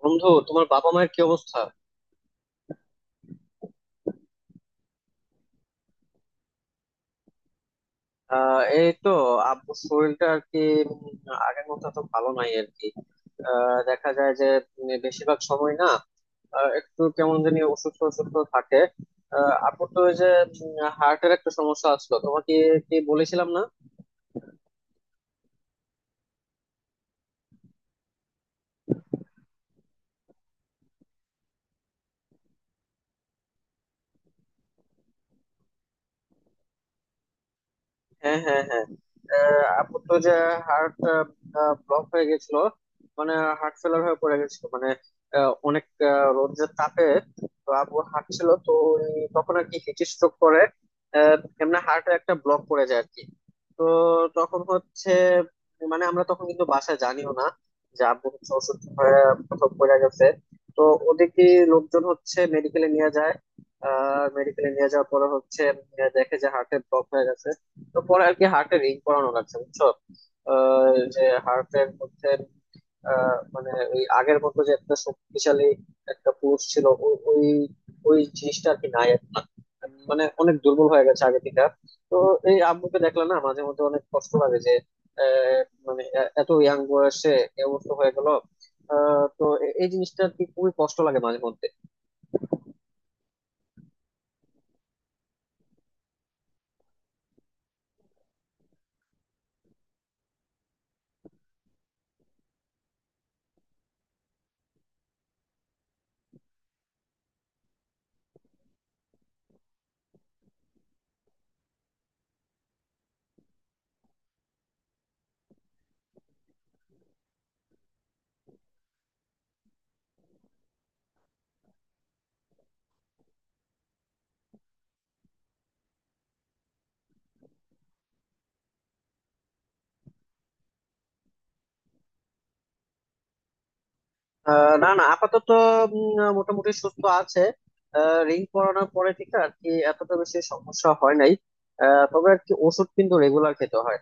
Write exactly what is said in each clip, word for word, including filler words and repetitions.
বন্ধু, তোমার বাবা মায়ের কি অবস্থা? আহ এই তো, আব্বুর শরীরটা আর কি উম, আগের মতো তো ভালো নাই আর কি। আহ, দেখা যায় যে উম, বেশিরভাগ সময় না আহ, একটু কেমন জানি অসুস্থ অসুস্থ থাকে। আহ, আপুর তো ওই যে হার্টের একটা সমস্যা আসলো, তোমাকে কি বলেছিলাম না? হ্যাঁ, হ্যাঁ, হ্যাঁ। আহ, আপুর তো যে হার্ট ব্লক হয়ে গেছিল, মানে হার্ট ফেলার হয়ে পড়ে গেছিল। মানে আহ, অনেক আহ, রোদের তাপে তো আপু হাঁটছিল তো, ওই তখন আর কি হিট স্ট্রোক করে এমনি হার্টে একটা ব্লক পড়ে যায় আর কি। তো তখন হচ্ছে মানে আমরা তখন কিন্তু বাসায় জানিও না যে আব্বু হচ্ছে অসুস্থ হয়ে কোথাও পড়ে গেছে। তো ওদিকে লোকজন হচ্ছে মেডিকেলে নিয়ে যায়। আহ মেডিকেলে নিয়ে যাওয়ার পরে হচ্ছে উম, দেখে যে হার্টের ব্লক হয়ে গেছে। তো পরে আর কি হার্টে রিং করানো লাগছে, বুঝছো? আহ, যে হার্টের মধ্যে আহ, মানে ওই আগের মতো যে একটা শক্তিশালী একটা পুরুষ ছিল, ও- ওই ওই জিনিসটা আর কি নাই এখন। মানে অনেক দুর্বল হয়ে গেছে আগে থেকে। তো এই আব্বুকে দেখলে না মাঝে মধ্যে অনেক কষ্ট লাগে যে আহ, মানে এ- এত ইয়াং বয়সে এই অবস্থা হয়ে গেল। আহ, তো এ- এই জিনিসটা আর কি খুবই কষ্ট লাগে মাঝে মধ্যে। আহ, না না, আপাতত উম, মোটামুটি সুস্থ আছে। আহ, রিং পরানোর পরে থেকে আর কি এতটা বেশি সমস্যা হয় নাই। আহ, তবে আর কি ওষুধ কিন্তু রেগুলার খেতে হয়।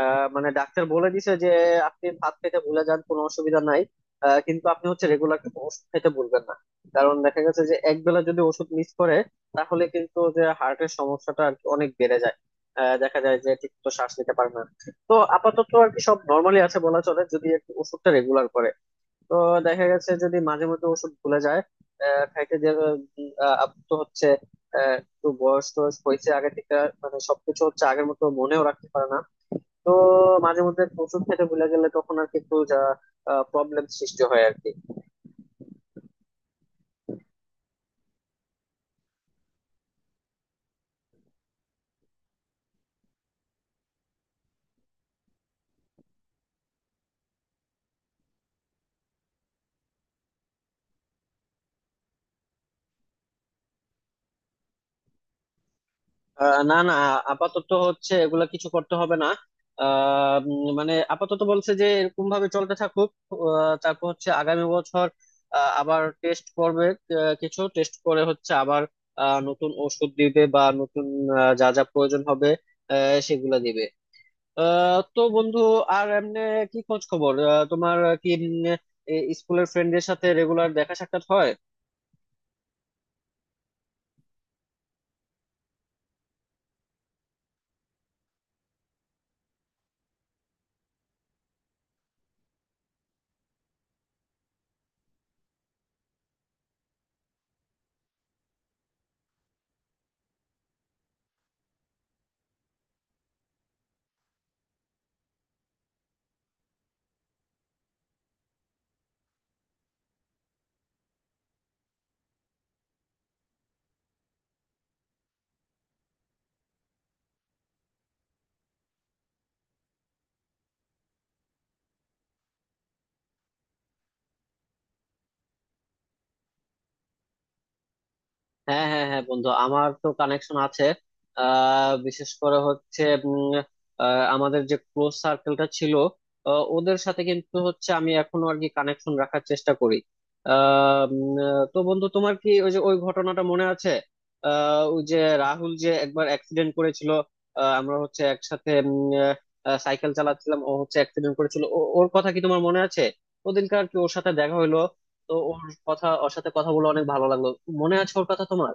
আহ, মানে ডাক্তার বলে দিছে যে আপনি ভাত খেতে ভুলে যান কোনো অসুবিধা নাই, আহ, কিন্তু আপনি হচ্ছে রেগুলার ওষুধ খেতে ভুলবেন না। কারণ দেখা গেছে যে একবেলা যদি ওষুধ মিস করে তাহলে কিন্তু যে হার্টের সমস্যাটা আর কি অনেক বেড়ে যায়। আহ, দেখা যায় যে ঠিক মতো শ্বাস নিতে পারে না। তো আপাতত আর কি সব নর্মালি আছে বলা চলে যদি আর কি ওষুধটা রেগুলার করে। তো দেখা গেছে যদি মাঝে মধ্যে ওষুধ ভুলে যায় আহ, খাইতে, যে উম, আহ, আপ তো হচ্ছে আহ, একটু বয়স টয়স হয়েছে আগে থেকে, মানে সবকিছু হচ্ছে আগের মতো মনেও রাখতে পারে না। তো মাঝে মধ্যে ওষুধ খেতে ভুলে গেলে তখন আর কি একটু যা প্রবলেম সৃষ্টি হয় আর কি। আহ না না, আপাতত হচ্ছে এগুলা কিছু করতে হবে না। আহ উম, মানে আপাতত বলছে যে এরকম ভাবে চলতে থাকুক। আহ, তারপর হচ্ছে আগামী বছর আহ, আবার টেস্ট করবে। আহ, কিছু টেস্ট করে হচ্ছে আবার আহ, নতুন ওষুধ দিবে বা নতুন আহ, যা যা প্রয়োজন হবে আহ, সেগুলা দিবে। আহ, তো বন্ধু, আর এমনি কি খোঁজ খবর? আহ, তোমার কি উম, এ- স্কুলের ফ্রেন্ডের সাথে রেগুলার দেখা সাক্ষাৎ হয়? হ্যাঁ, হ্যাঁ, হ্যাঁ, বন্ধু আমার তো কানেকশন আছে। আহ, বিশেষ করে হচ্ছে উম, আহ, আমাদের যে ক্লোজ সার্কেলটা ছিল আহ, ওদের সাথে কিন্তু হচ্ছে আমি এখনো আর কি কানেকশন রাখার চেষ্টা করি। আহ, উম, আহ, তো বন্ধু, তোমার কি ওই যে ওই ঘটনাটা মনে আছে আহ, ওই যে রাহুল যে একবার অ্যাক্সিডেন্ট করেছিল? আহ, আমরা হচ্ছে একসাথে উম, আহ, সাইকেল চালাচ্ছিলাম, ও হচ্ছে অ্যাক্সিডেন্ট করেছিল, ও- ওর কথা কি তোমার মনে আছে? ওদিনকার কি ওর সাথে দেখা হলো। তো ওর কথা, ওর সাথে কথা বলে অনেক ভালো লাগলো। মনে আছে ওর কথা তোমার?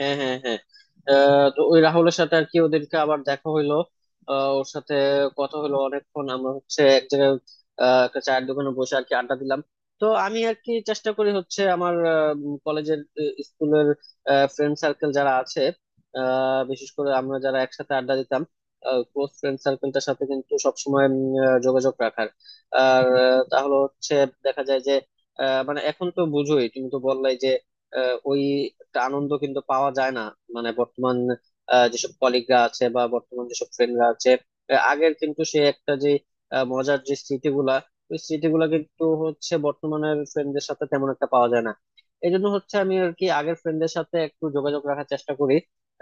হ্যাঁ, হ্যাঁ, হ্যাঁ। আহ, তো ওই রাহুলের সাথে আর কি ওদেরকে আবার দেখা হইলো। আহ, ওর সাথে কথা হলো অনেকক্ষণ, আমরা হচ্ছে এক জায়গায় আহ, একটা চায়ের দোকানে বসে আর কি আড্ডা দিলাম। তো আমি আর কি চেষ্টা করি হচ্ছে আমার কলেজের, স্কুলের ফ্রেন্ড সার্কেল যারা আছে আহ, বিশেষ করে আমরা যারা একসাথে আড্ডা দিতাম ক্লোজ ফ্রেন্ড সার্কেলটার সাথে কিন্তু সবসময় উম, আহ, যোগাযোগ রাখার। আর আহ, তাহলে হচ্ছে দেখা যায় যে আহ, মানে এখন তো বুঝোই, তুমি তো বললাই যে আহ, ওই একটা আনন্দ কিন্তু পাওয়া যায় না। মানে বর্তমান আহ, যেসব কলিগরা আছে বা বর্তমান যেসব ফ্রেন্ডরা আছে আহ, আগের কিন্তু সে একটা যে আহ, মজার যে স্মৃতিগুলা, ওই স্মৃতিগুলা কিন্তু হচ্ছে বর্তমানের ফ্রেন্ডদের সাথে তেমন একটা পাওয়া যায় না। এই জন্য হচ্ছে আমি আর কি আগের ফ্রেন্ডদের সাথে একটু যোগাযোগ রাখার চেষ্টা করি।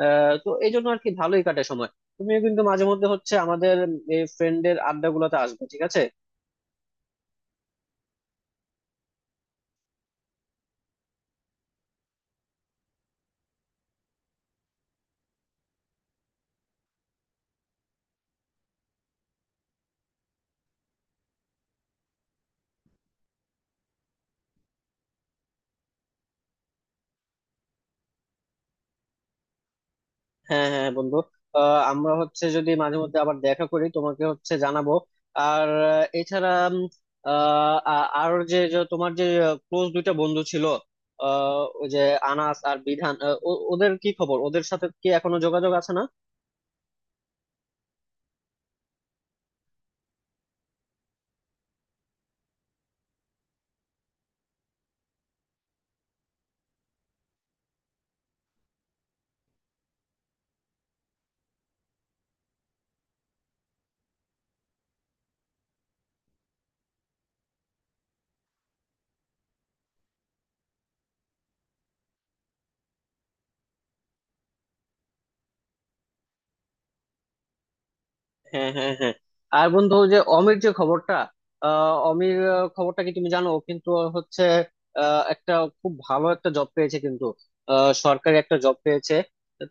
আহ তো এই জন্য আর কি ভালোই কাটে সময়। তুমিও কিন্তু মাঝে মধ্যে হচ্ছে আমাদের এই ফ্রেন্ডের আড্ডা গুলোতে আসবে, ঠিক আছে? হ্যাঁ, হ্যাঁ, বন্ধু। আহ, আমরা হচ্ছে যদি মাঝে মধ্যে আবার দেখা করি তোমাকে হচ্ছে জানাবো। আর আহ, এছাড়া উম, আহ, আ- আর যে যে তোমার যে ক্লোজ দুইটা বন্ধু ছিল আহ, ওই যে আনাস আর বিধান, আহ, ও- ওদের কি খবর? ওদের সাথে কি এখনো যোগাযোগ আছে না? হ্যাঁ, হ্যাঁ, হ্যাঁ। আর বন্ধু ওই যে অমির যে খবরটা, আহ অমির আহ, খবরটা কি তুমি জানো? ও কিন্তু হচ্ছে আহ, একটা খুব ভালো একটা জব পেয়েছে কিন্তু, আহ, সরকারি একটা জব পেয়েছে।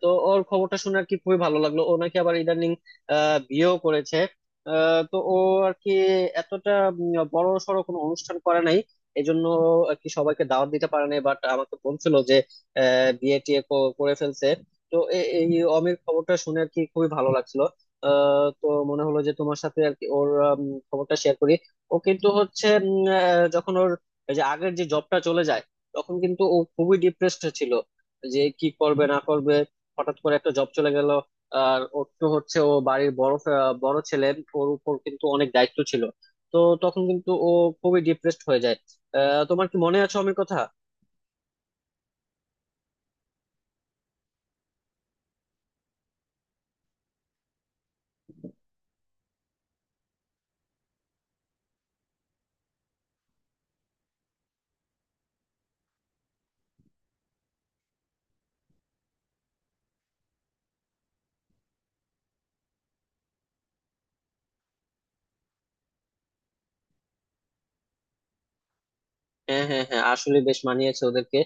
তো ওর খবরটা শুনে আর কি খুবই ভালো লাগলো। ও নাকি আবার ইদানিং আহ, বিয়েও করেছে। আহ, তো ও আর কি এতটা উম, বড় সড়ো কোনো অনুষ্ঠান করে নাই, এই জন্য আর কি সবাইকে দাওয়াত দিতে পারে নাই, বাট আমাকে বলছিল যে আহ, বিয়ে টিয়ে ক- করে ফেলছে। তো এ- এই অমির খবরটা শুনে আর কি খুবই ভালো লাগছিল। আহ, তো মনে হলো যে তোমার সাথে আর কি ওর আম, খবরটা শেয়ার করি। ও কিন্তু হচ্ছে উম, আহ, যখন ওর এই যে আগের যে জবটা চলে যায় তখন কিন্তু ও খুবই ডিপ্রেসড ছিল, যে কি করবে না করবে, হঠাৎ করে একটা জব চলে গেল। আর ওর তো হচ্ছে ও বাড়ির বড় ফে- বড় ছেলে, ওর উপর কিন্তু অনেক দায়িত্ব ছিল। তো তখন কিন্তু ও খুবই ডিপ্রেসড হয়ে যায়। আহ, তোমার কি মনে আছে অমির কথা? হ্যাঁ, হ্যাঁ, হ্যাঁ, আসলে বেশ মানিয়েছে ওদেরকে।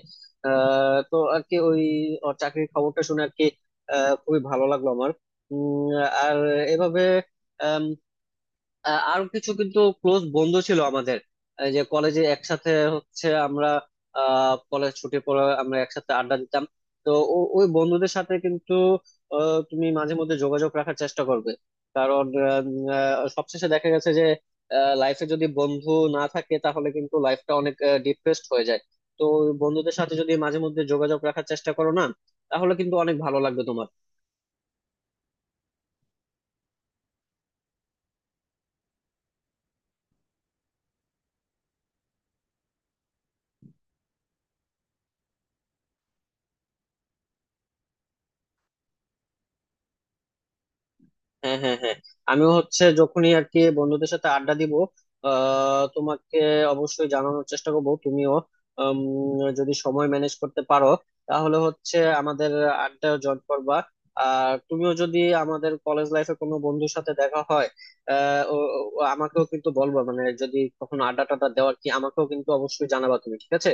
আহ তো আর কি ওই ওর চাকরির খবরটা শুনে আর কি আহ, খুবই ভালো লাগলো আমার। উম, আর এভাবে আহ, আরো কিছু কিন্তু ক্লোজ বন্ধু ছিল আমাদের এই যে কলেজে, একসাথে হচ্ছে আমরা আহ কলেজ ছুটির পরে আমরা একসাথে আড্ডা দিতাম। তো ও- ওই বন্ধুদের সাথে কিন্তু আহ, তুমি মাঝে মধ্যে যোগাযোগ রাখার চেষ্টা করবে। কারণ আহ, উম, আহ, সবশেষে দেখা গেছে যে লাইফে যদি বন্ধু না থাকে তাহলে কিন্তু লাইফটা অনেক ডিপ্রেসড হয়ে যায়। তো ওই বন্ধুদের সাথে যদি মাঝে মধ্যে যোগাযোগ রাখার চেষ্টা করো না তাহলে কিন্তু অনেক ভালো লাগবে তোমার। হ্যাঁ, হ্যাঁ, হ্যাঁ। আমিও হচ্ছে যখনই আর কি বন্ধুদের সাথে আড্ডা দিব আহ তোমাকে অবশ্যই জানানোর চেষ্টা করবো। তুমিও উম, যদি সময় ম্যানেজ করতে পারো তাহলে হচ্ছে আমাদের আড্ডা জয়েন করবা। আর তুমিও যদি আমাদের কলেজ লাইফে কোনো বন্ধুর সাথে দেখা হয় আহ ও- ও- আমাকেও কিন্তু বলবা, মানে যদি কখনো আড্ডা টাড্ডা দেওয়ার কি আমাকেও কিন্তু অবশ্যই জানাবা তুমি, ঠিক আছে?